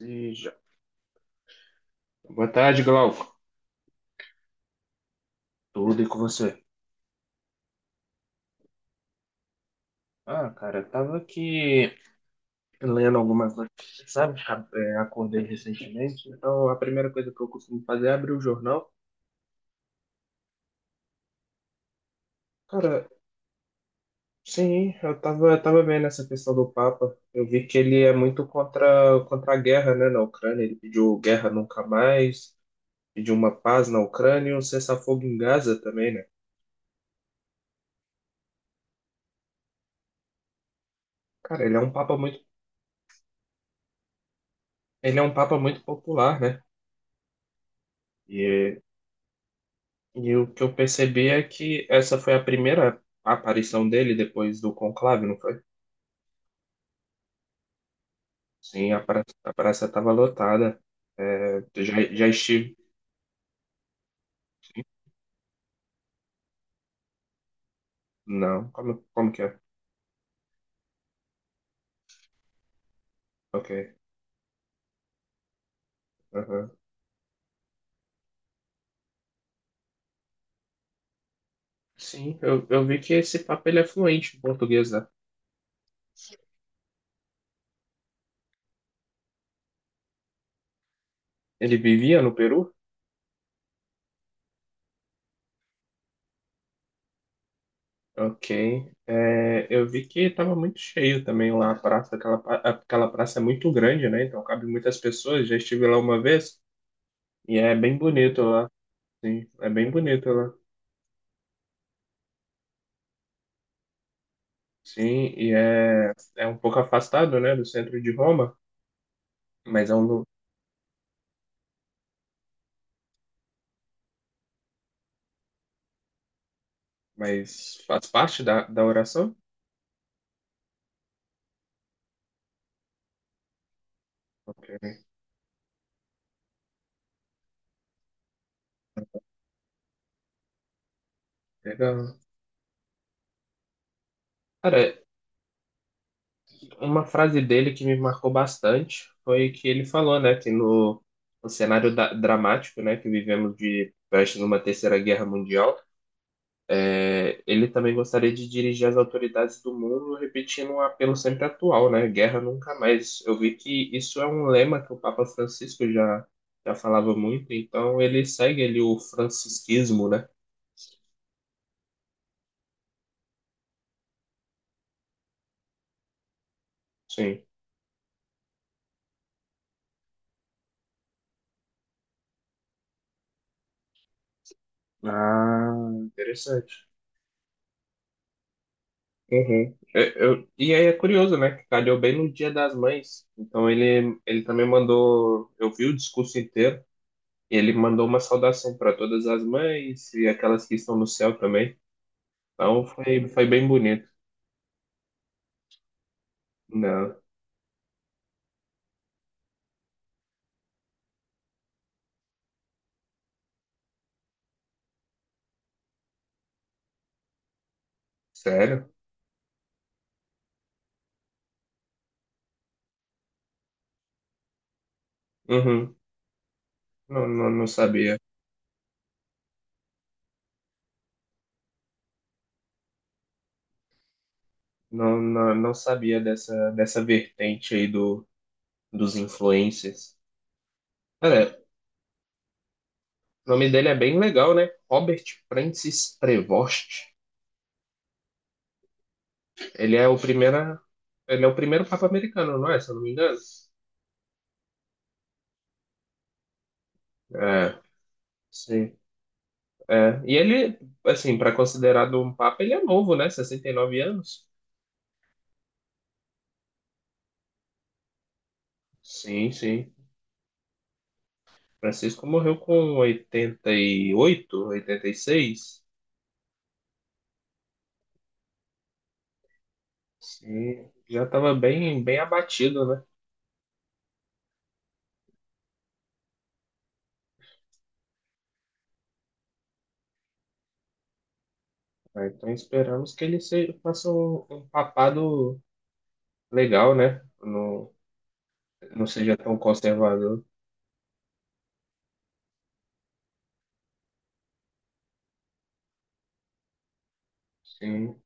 E já- Boa tarde, Glauco. Tudo e com você? Ah, cara, eu tava aqui lendo alguma coisa, sabe? Acordei recentemente, então a primeira coisa que eu costumo fazer é abrir o jornal. Cara, sim, eu tava vendo essa questão do Papa. Eu vi que ele é muito contra a guerra, né, na Ucrânia. Ele pediu guerra nunca mais, pediu uma paz na Ucrânia e um cessar-fogo em Gaza também, né? Cara, ele é um papa muito popular, né? E o que eu percebi é que essa foi a primeira aparição dele depois do conclave, não foi? Sim, a praça estava lotada. É, já estive. Não, como que é? Ok. Aham. Sim, eu vi que esse papo ele é fluente em português, né? Ele vivia no Peru? Ok. É, eu vi que estava muito cheio também lá a praça. Aquela praça é muito grande, né? Então cabe muitas pessoas. Já estive lá uma vez e é bem bonito lá. Sim, é bem bonito lá. Sim, e é um pouco afastado, né, do centro de Roma, mas é um, lu- mas faz parte da oração. Ok, legal. Cara, uma frase dele que me marcou bastante foi que ele falou, né, que no cenário dramático, né, que vivemos de prestes numa terceira guerra mundial. É, ele também gostaria de dirigir as autoridades do mundo, repetindo um apelo sempre atual, né? Guerra nunca mais. Eu vi que isso é um lema que o Papa Francisco já falava muito, então ele segue ali o francisquismo, né? Sim. Ah, interessante. Uhum. E aí é curioso, né? Que calhou bem no Dia das Mães. Então ele também mandou. Eu vi o discurso inteiro e ele mandou uma saudação para todas as mães e aquelas que estão no céu também. Então foi bem bonito. Não, sério? Uhum. Não, não, não sabia. Não, não, não sabia dessa vertente aí do, dos influencers. Cara, o nome dele é bem legal, né? Robert Francis Prevost. Ele é o primeiro, ele é o primeiro Papa americano, não é? Se eu não me engano. É, sim. É. E ele, assim, para considerado um Papa, ele é novo, né? 69 anos. Sim, sim. Francisco morreu com oitenta e oito, 86. Sim, já estava bem, bem abatido, né? Ah, então esperamos que ele seja, faça um papado legal, né? Não, não seja tão conservador. Sim.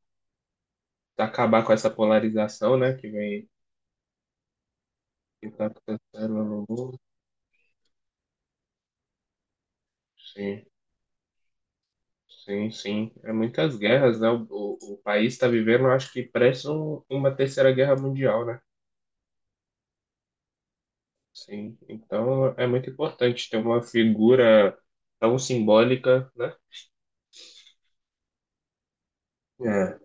Acabar com essa polarização, né? Que vem que tá acontecendo no mundo. Sim, sim, sim. É muitas guerras, né? O país está vivendo, acho que parece uma terceira guerra mundial, né? Sim, então é muito importante ter uma figura tão simbólica, né? É.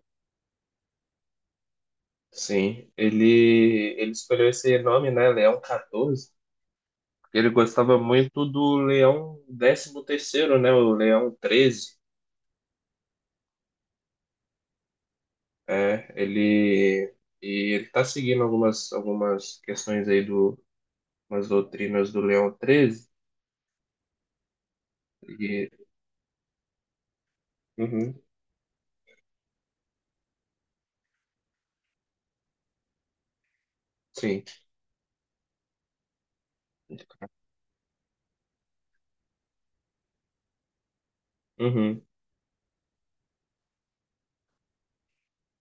Sim, ele escolheu esse nome, né? Leão 14, porque ele gostava muito do Leão décimo terceiro, né? O Leão treze. É, e ele tá seguindo algumas questões aí do, umas doutrinas do Leão treze. E, uhum, sim, uhum,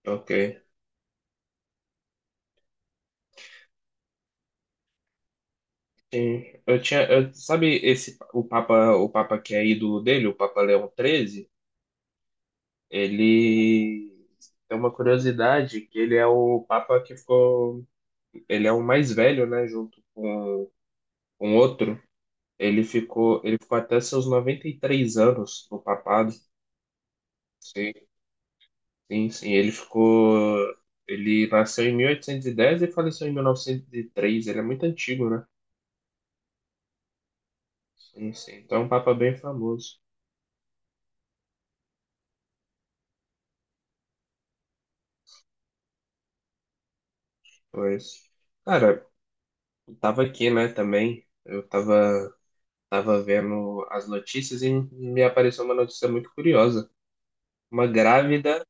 ok. Sim, sabe esse o Papa, que é ídolo dele, o Papa Leão XIII, ele tem uma curiosidade que ele é o Papa que ficou, ele é o mais velho, né, junto com, um outro. Ele ficou até seus 93 anos no papado. Sim, sim, sim, ele ficou, ele nasceu em 1810 e faleceu em 1903. Ele é muito antigo, né? Sim, sim. Então é um Papa bem famoso. Pois. Cara, eu tava aqui, né, também. Eu tava vendo as notícias e me apareceu uma notícia muito curiosa. Uma grávida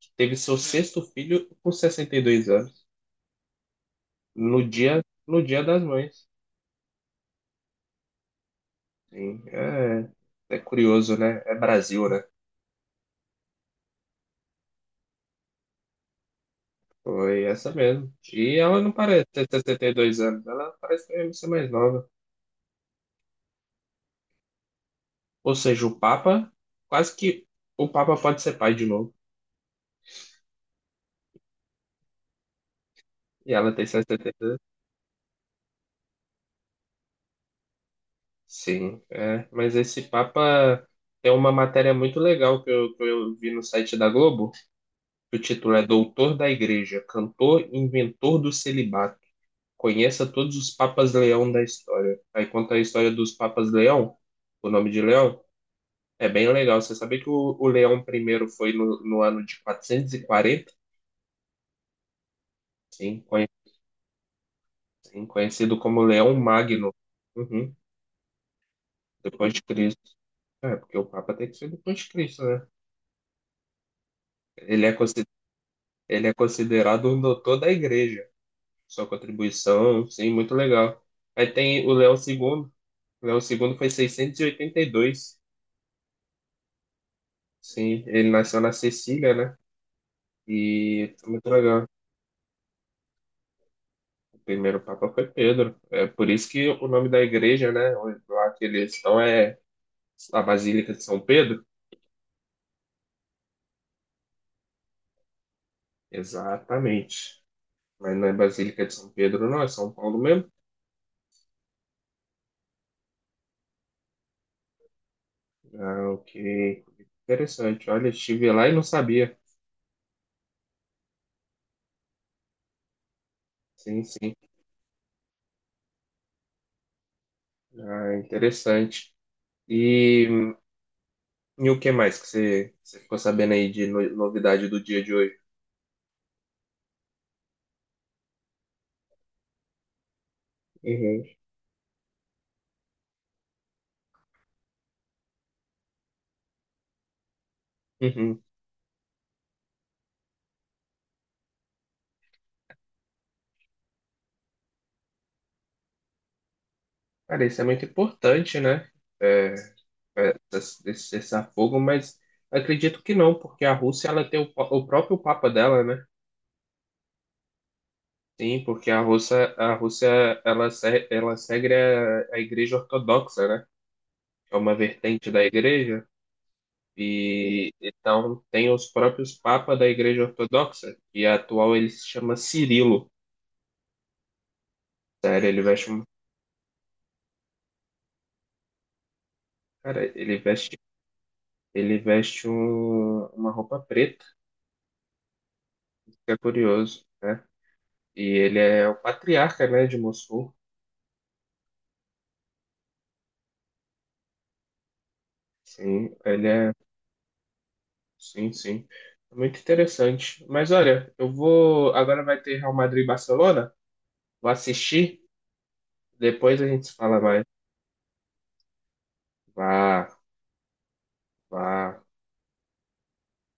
que teve seu sexto filho com 62 anos, no dia das mães. Sim, é curioso, né? É Brasil, né? Foi essa mesmo. E ela não parece ter 62 anos, ela parece mesmo ser mais nova. Ou seja, o Papa, quase que o Papa pode ser pai de novo. E ela tem 60. Sim, é. Mas esse Papa tem uma matéria muito legal que eu vi no site da Globo. O título é Doutor da Igreja, cantor e inventor do celibato. Conheça todos os Papas Leão da história. Aí conta a história dos Papas Leão, o nome de Leão. É bem legal. Você sabia que o Leão I foi no ano de 440? Sim, conhe- sim, conhecido como Leão Magno. Uhum, depois de Cristo. É, porque o Papa tem que ser depois de Cristo, né? Ele é, cons- Ele é considerado um doutor da igreja. Sua contribuição, sim, muito legal. Aí tem o Leão II. O Leão II foi 682. Sim, ele nasceu na Sicília, né? E muito legal. O primeiro papa foi Pedro. É por isso que o nome da igreja, né? Lá que eles estão é a Basílica de São Pedro. Exatamente. Mas não é Basílica de São Pedro, não, é São Paulo mesmo. Ah, ok. Interessante. Olha, estive lá e não sabia. Sim, sim. Ah, interessante. E, e o que mais que você ficou sabendo aí de novidade do dia de hoje? Uhum. Uhum. Cara, isso é muito importante, né? É, é, esse cessar-fogo, mas acredito que não, porque a Rússia ela tem o próprio papa dela, né? Sim, porque a Rússia ela, se- ela segue a Igreja Ortodoxa, né? É uma vertente da Igreja. E então tem os próprios papas da Igreja Ortodoxa, e a atual ele se chama Cirilo. Sério, ele veste um. Cara, ele veste uma roupa preta, isso que é curioso, né? E ele é o patriarca, né, de Mossul. Sim, ele é. Sim, sim. Muito interessante. Mas olha, eu vou. Agora vai ter Real Madrid e Barcelona. Vou assistir. Depois a gente se fala mais. Vá, vá.